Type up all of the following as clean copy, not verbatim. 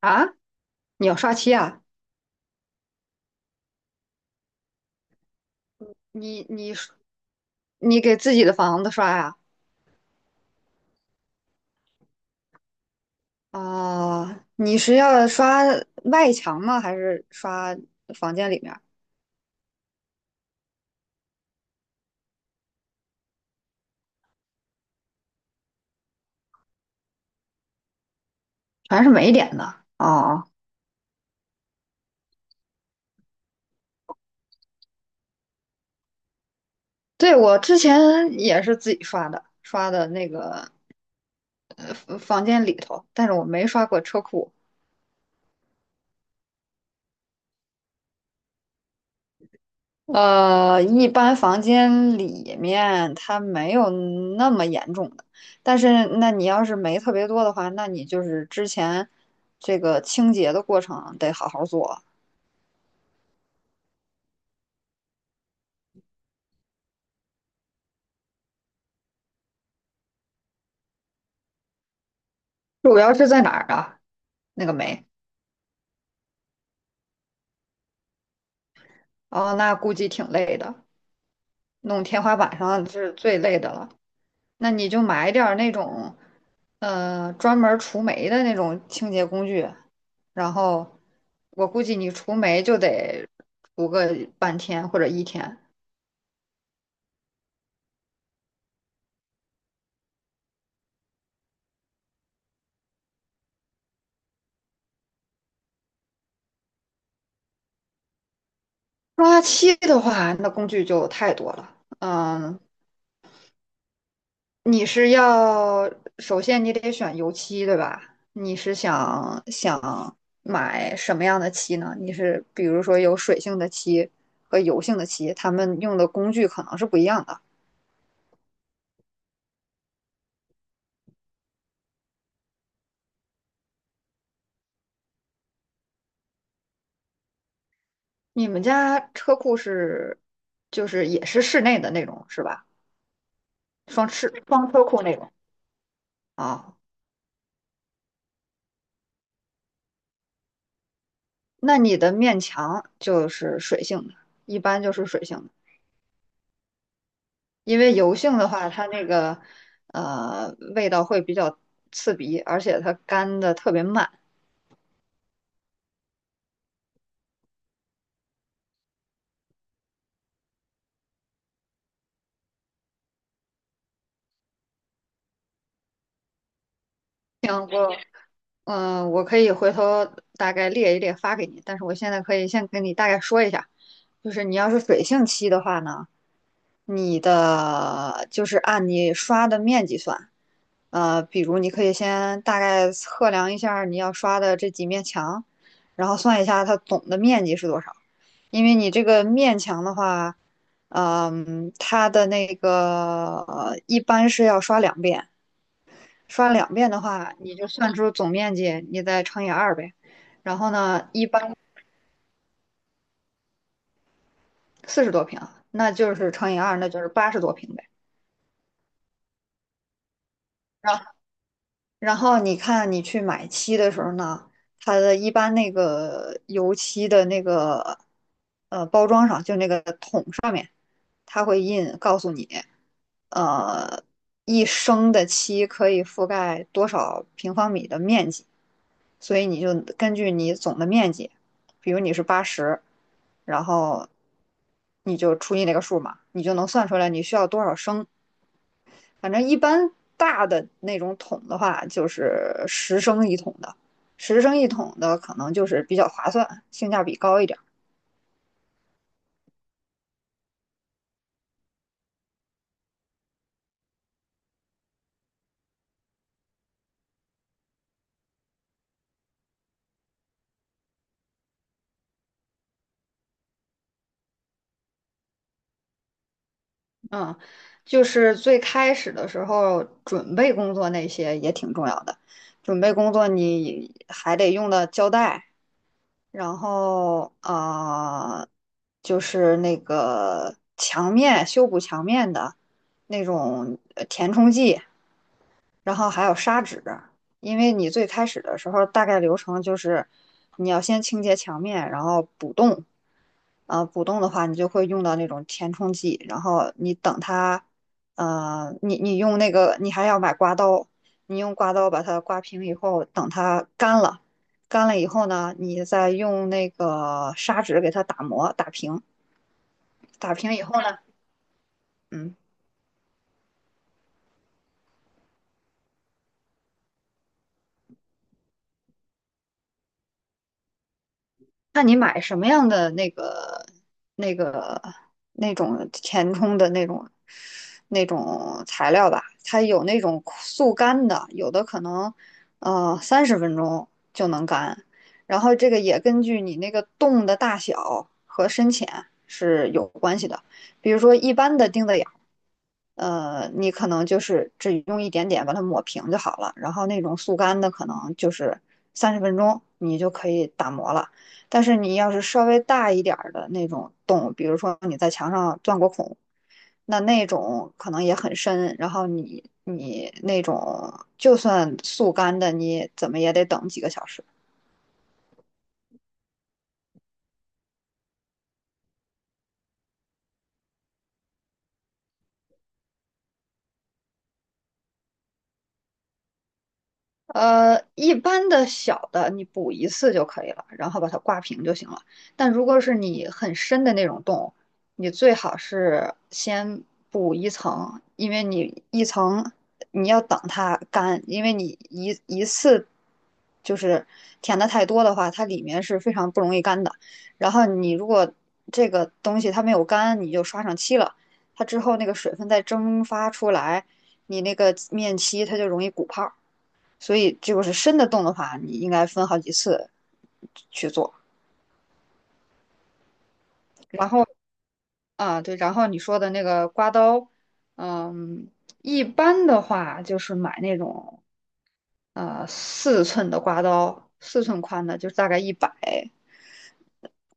啊，你要刷漆啊？你你刷你给自己的房子刷呀、啊？你是要刷外墙吗？还是刷房间里面儿？全是霉点的哦。对，我之前也是自己刷的，刷的那个房间里头，但是我没刷过车库。一般房间里面它没有那么严重的，但是那你要是霉特别多的话，那你就是之前这个清洁的过程得好好做。主要是在哪儿啊？那个霉，哦，那估计挺累的，弄天花板上是最累的了。那你就买点儿那种，专门儿除霉的那种清洁工具，然后我估计你除霉就得除个半天或者一天。刷漆的话，那工具就太多了。嗯，你是要首先你得选油漆，对吧？你是想想买什么样的漆呢？你是比如说有水性的漆和油性的漆，他们用的工具可能是不一样的。你们家车库是就是也是室内的那种是吧？双室双车库那种啊？那你的面墙就是水性的，一般就是水性的。因为油性的话，它那个味道会比较刺鼻，而且它干的特别慢。然后，我可以回头大概列一列发给你，但是我现在可以先跟你大概说一下，就是你要是水性漆的话呢，你的就是按你刷的面积算，比如你可以先大概测量一下你要刷的这几面墙，然后算一下它总的面积是多少。因为你这个面墙的话，它的那个一般是要刷两遍，刷两遍的话，你就算出总面积，你再乘以二呗。然后呢，一般40多平，那就是乘以二，那就是80多平呗。然后，然后你看你去买漆的时候呢，它的一般那个油漆的那个包装上，就那个桶上面，它会印告诉你，呃，一升的漆可以覆盖多少平方米的面积，所以你就根据你总的面积，比如你是八十，然后你就除以那个数嘛，你就能算出来你需要多少升。反正一般大的那种桶的话，就是十升一桶的，十升一桶的可能就是比较划算，性价比高一点。嗯，就是最开始的时候，准备工作那些也挺重要的。准备工作你还得用到胶带，然后就是那个墙面修补墙面的那种填充剂，然后还有砂纸，因为你最开始的时候大概流程就是你要先清洁墙面，然后补洞。补洞的话，你就会用到那种填充剂，然后你等它，你用那个，你还要买刮刀，你用刮刀把它刮平以后，等它干了，干了以后呢，你再用那个砂纸给它打磨打平，打平以后呢，嗯，看你买什么样的那个、那种填充的那种材料吧。它有那种速干的，有的可能三十分钟就能干。然后这个也根据你那个洞的大小和深浅是有关系的。比如说一般的钉子眼儿，你可能就是只用一点点把它抹平就好了。然后那种速干的可能就是三十分钟你就可以打磨了。但是你要是稍微大一点儿的那种洞，比如说你在墙上钻过孔，那种可能也很深，然后你那种就算速干的，你怎么也得等几个小时。一般的小的你补一次就可以了，然后把它挂平就行了。但如果是你很深的那种洞，你最好是先补一层，因为你一层你要等它干，因为你一次就是填的太多的话，它里面是非常不容易干的。然后你如果这个东西它没有干，你就刷上漆了，它之后那个水分再蒸发出来，你那个面漆它就容易鼓泡。所以就是深的洞的话，你应该分好几次去做。然后啊，对，然后你说的那个刮刀，嗯，一般的话就是买那种四寸的刮刀，四寸宽的，就是大概100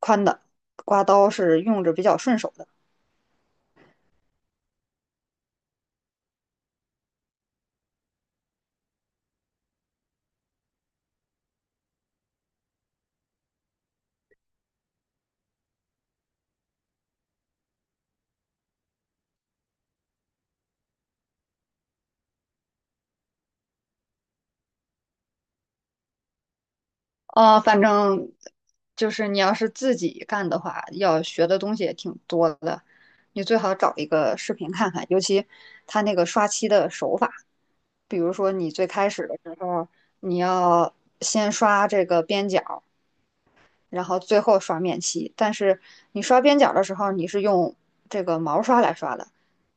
宽的刮刀是用着比较顺手的。反正就是你要是自己干的话，要学的东西也挺多的。你最好找一个视频看看，尤其他那个刷漆的手法，比如说你最开始的时候，你要先刷这个边角，然后最后刷面漆。但是你刷边角的时候，你是用这个毛刷来刷的，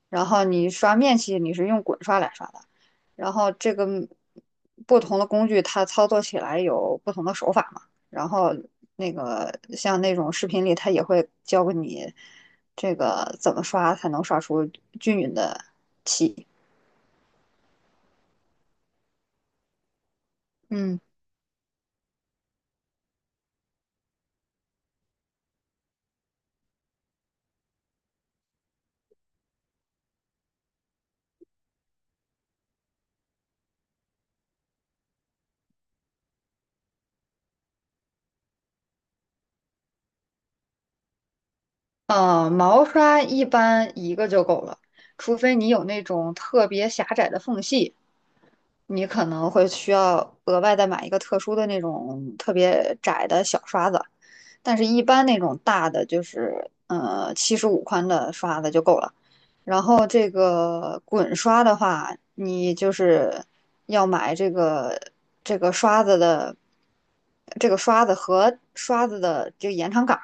然后你刷面漆，你是用滚刷来刷的。然后这个不同的工具，它操作起来有不同的手法嘛。然后那个像那种视频里，它也会教给你这个怎么刷才能刷出均匀的漆。嗯。毛刷一般一个就够了，除非你有那种特别狭窄的缝隙，你可能会需要额外再买一个特殊的那种特别窄的小刷子。但是，一般那种大的就是75宽的刷子就够了。然后这个滚刷的话，你就是要买这个这个刷子的这个刷子和刷子的这个延长杆。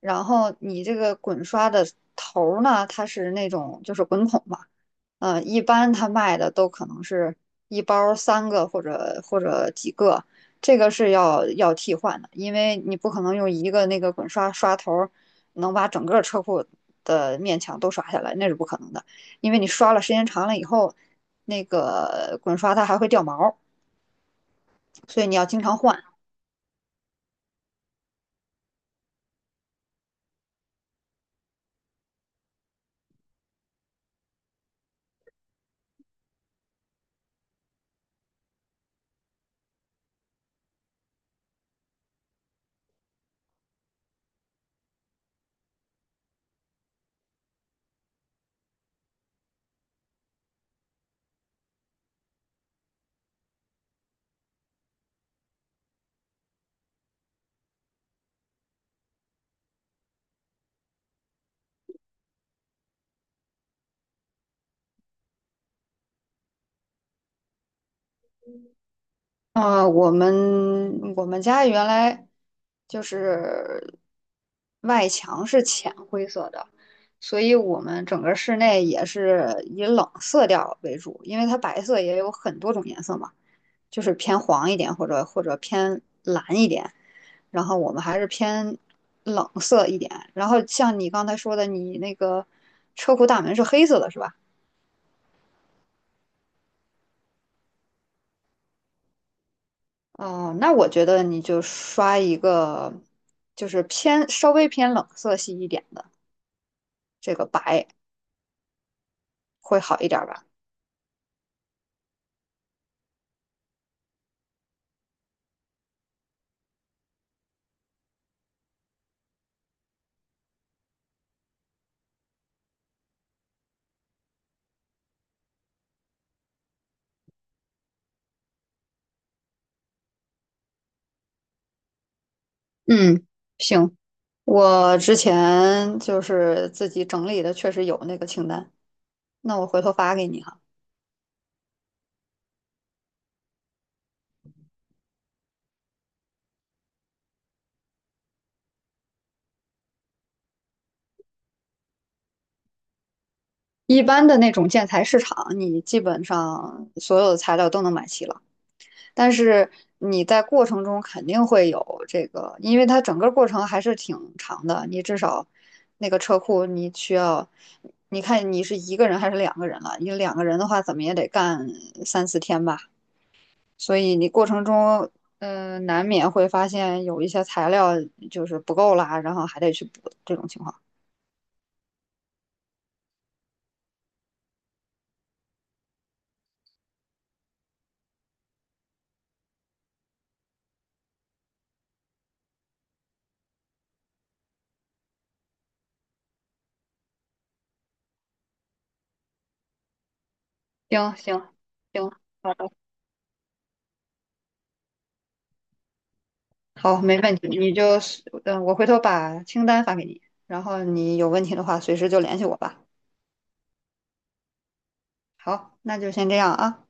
然后你这个滚刷的头儿呢，它是那种就是滚筒嘛，一般它卖的都可能是一包三个或者几个，这个是要替换的，因为你不可能用一个那个滚刷刷头儿能把整个车库的面墙都刷下来，那是不可能的，因为你刷了时间长了以后，那个滚刷它还会掉毛所以你要经常换。啊，我们家原来就是外墙是浅灰色的，所以我们整个室内也是以冷色调为主，因为它白色也有很多种颜色嘛，就是偏黄一点或者偏蓝一点，然后我们还是偏冷色一点。然后像你刚才说的，你那个车库大门是黑色的，是吧？哦，那我觉得你就刷一个，就是偏稍微偏冷色系一点的，这个白会好一点吧？嗯，行，我之前就是自己整理的，确实有那个清单，那我回头发给你哈。一般的那种建材市场，你基本上所有的材料都能买齐了。但是你在过程中肯定会有这个，因为它整个过程还是挺长的，你至少那个车库你需要，你看你是一个人还是两个人了？你两个人的话，怎么也得干3、4天吧，所以你过程中。难免会发现有一些材料就是不够啦，然后还得去补这种情况。行行行，好的，好，没问题，你就，我回头把清单发给你，然后你有问题的话随时就联系我吧。好，那就先这样啊。